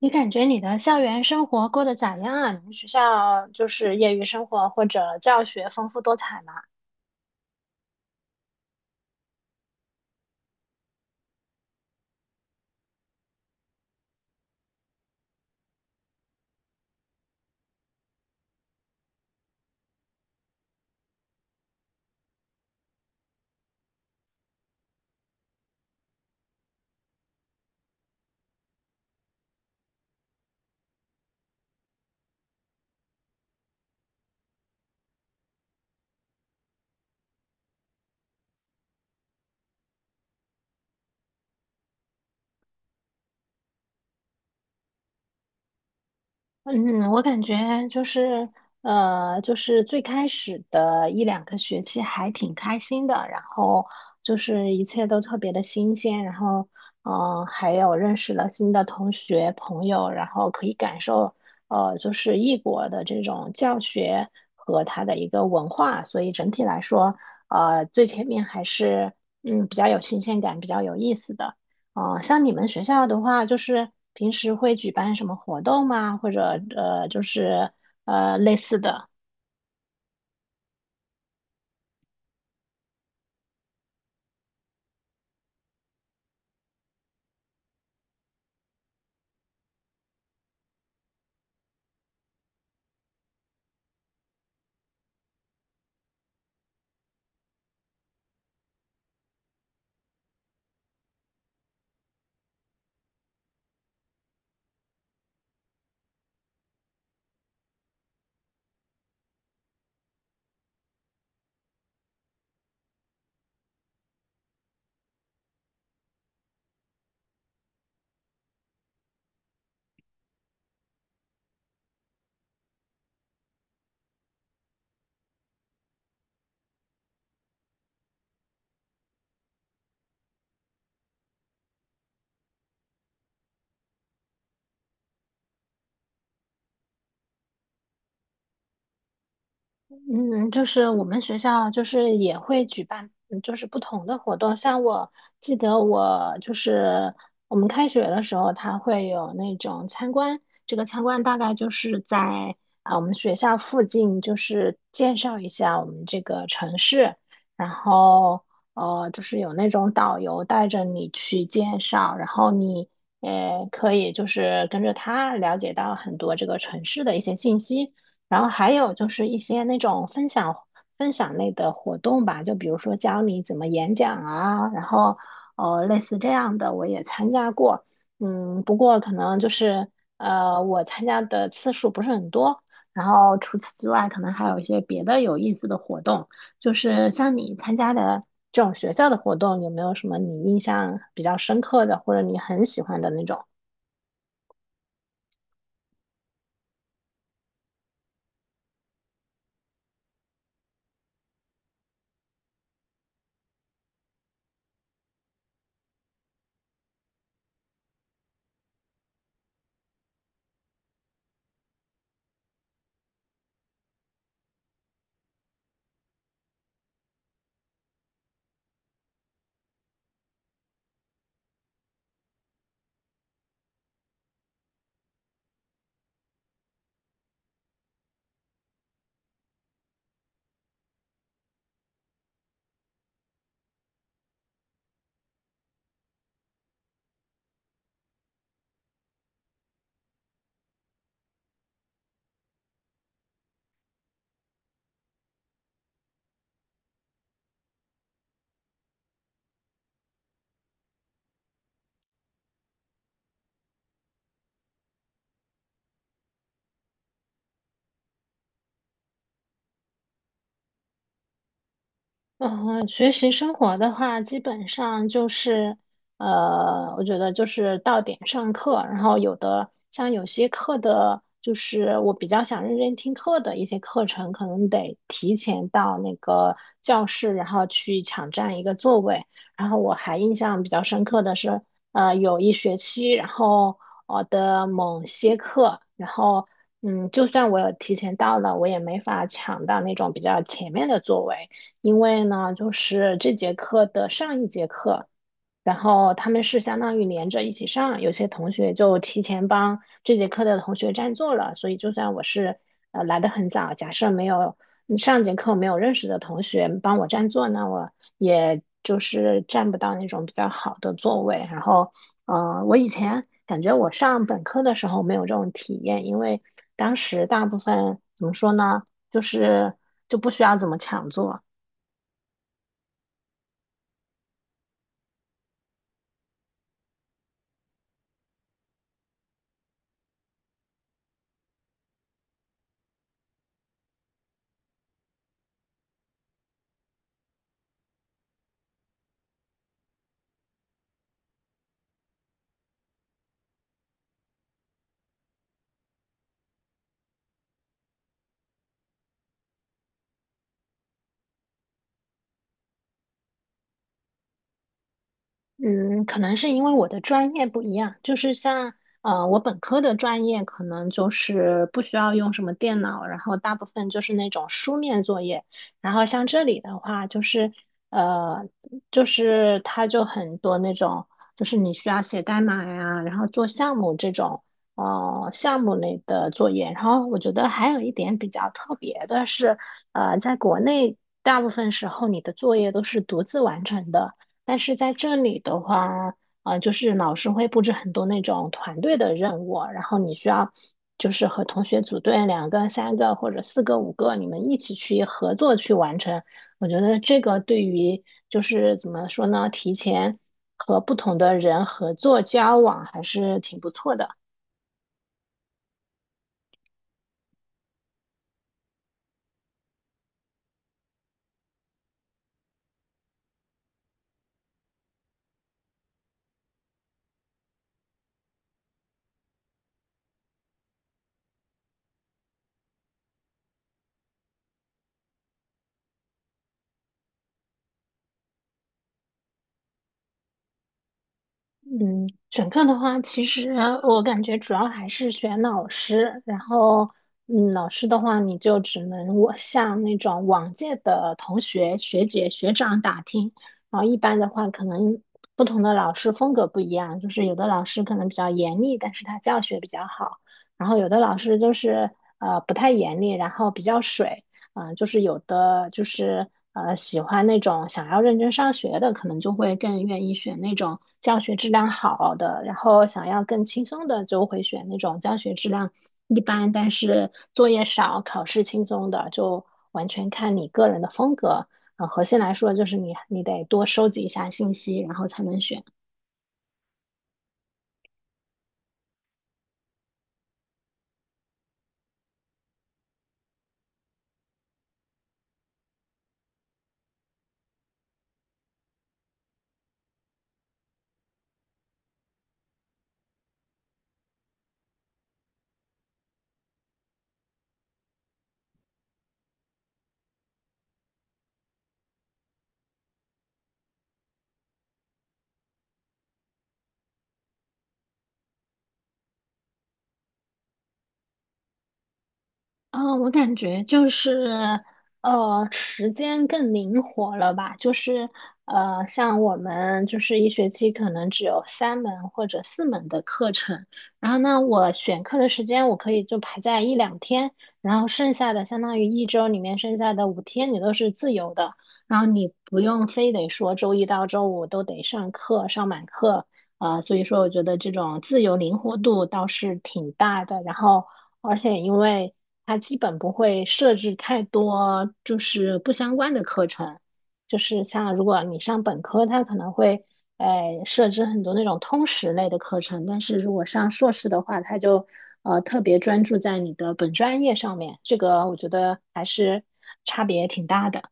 你感觉你的校园生活过得咋样啊？你们学校就是业余生活或者教学丰富多彩吗？嗯，我感觉就是，就是最开始的一两个学期还挺开心的，然后就是一切都特别的新鲜，然后，嗯、还有认识了新的同学朋友，然后可以感受，就是异国的这种教学和它的一个文化，所以整体来说，最前面还是，嗯，比较有新鲜感，比较有意思的。哦，像你们学校的话，就是平时会举办什么活动吗？或者就是类似的。嗯，就是我们学校就是也会举办，嗯就是不同的活动。像我记得我就是我们开学的时候，它会有那种参观。这个参观大概就是在啊我们学校附近，就是介绍一下我们这个城市，然后就是有那种导游带着你去介绍，然后你可以就是跟着他了解到很多这个城市的一些信息。然后还有就是一些那种分享类的活动吧，就比如说教你怎么演讲啊，然后类似这样的我也参加过，嗯，不过可能就是我参加的次数不是很多，然后除此之外可能还有一些别的有意思的活动，就是像你参加的这种学校的活动，有没有什么你印象比较深刻的，或者你很喜欢的那种？嗯，学习生活的话，基本上就是，我觉得就是到点上课，然后有的像有些课的，就是我比较想认真听课的一些课程，可能得提前到那个教室，然后去抢占一个座位。然后我还印象比较深刻的是，有一学期，然后我的某些课，然后嗯，就算我有提前到了，我也没法抢到那种比较前面的座位。因为呢，就是这节课的上一节课，然后他们是相当于连着一起上，有些同学就提前帮这节课的同学占座了，所以就算我是来的很早，假设没有嗯上节课没有认识的同学帮我占座，那我也就是占不到那种比较好的座位。然后，我以前感觉我上本科的时候没有这种体验，因为当时大部分怎么说呢，就是不需要怎么抢座。嗯，可能是因为我的专业不一样，就是像我本科的专业可能就是不需要用什么电脑，然后大部分就是那种书面作业，然后像这里的话，就是呃，它就很多那种，就是你需要写代码呀，然后做项目这种哦项目类的作业，然后我觉得还有一点比较特别的是，在国内大部分时候你的作业都是独自完成的。但是在这里的话，就是老师会布置很多那种团队的任务，然后你需要就是和同学组队，两个、三个或者四个、五个，你们一起去合作去完成。我觉得这个对于就是怎么说呢，提前和不同的人合作交往还是挺不错的。嗯，选课的话，其实我感觉主要还是选老师，然后，嗯，老师的话，你就只能我向那种往届的同学、学姐、学长打听，然后一般的话，可能不同的老师风格不一样，就是有的老师可能比较严厉，但是他教学比较好，然后有的老师就是不太严厉，然后比较水。嗯、就是有的就是喜欢那种想要认真上学的，可能就会更愿意选那种教学质量好的，然后想要更轻松的就会选那种教学质量一般，但是作业少、考试轻松的，就完全看你个人的风格。啊核心来说就是你得多收集一下信息，然后才能选。嗯，我感觉就是，时间更灵活了吧？就是，像我们就是一学期可能只有三门或者四门的课程，然后呢，我选课的时间我可以就排在一两天，然后剩下的相当于一周里面剩下的五天你都是自由的，然后你不用非得说周一到周五都得上课，上满课，啊、所以说我觉得这种自由灵活度倒是挺大的。然后，而且因为它基本不会设置太多就是不相关的课程，就是像如果你上本科，它可能会设置很多那种通识类的课程，但是如果上硕士的话，它就特别专注在你的本专业上面，这个我觉得还是差别挺大的。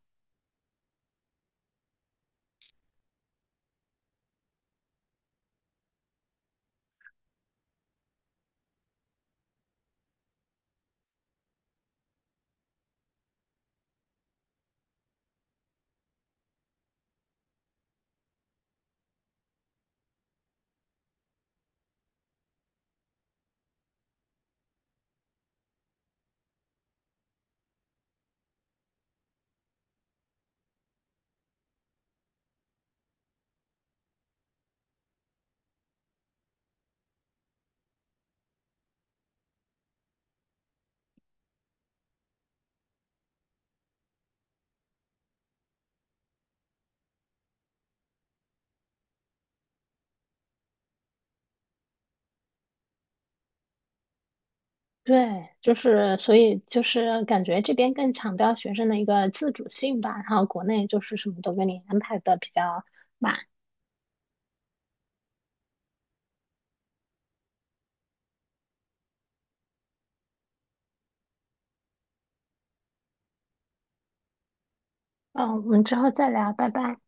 对，就是，所以就是感觉这边更强调学生的一个自主性吧，然后国内就是什么都给你安排的比较满。嗯，我们之后再聊，拜拜。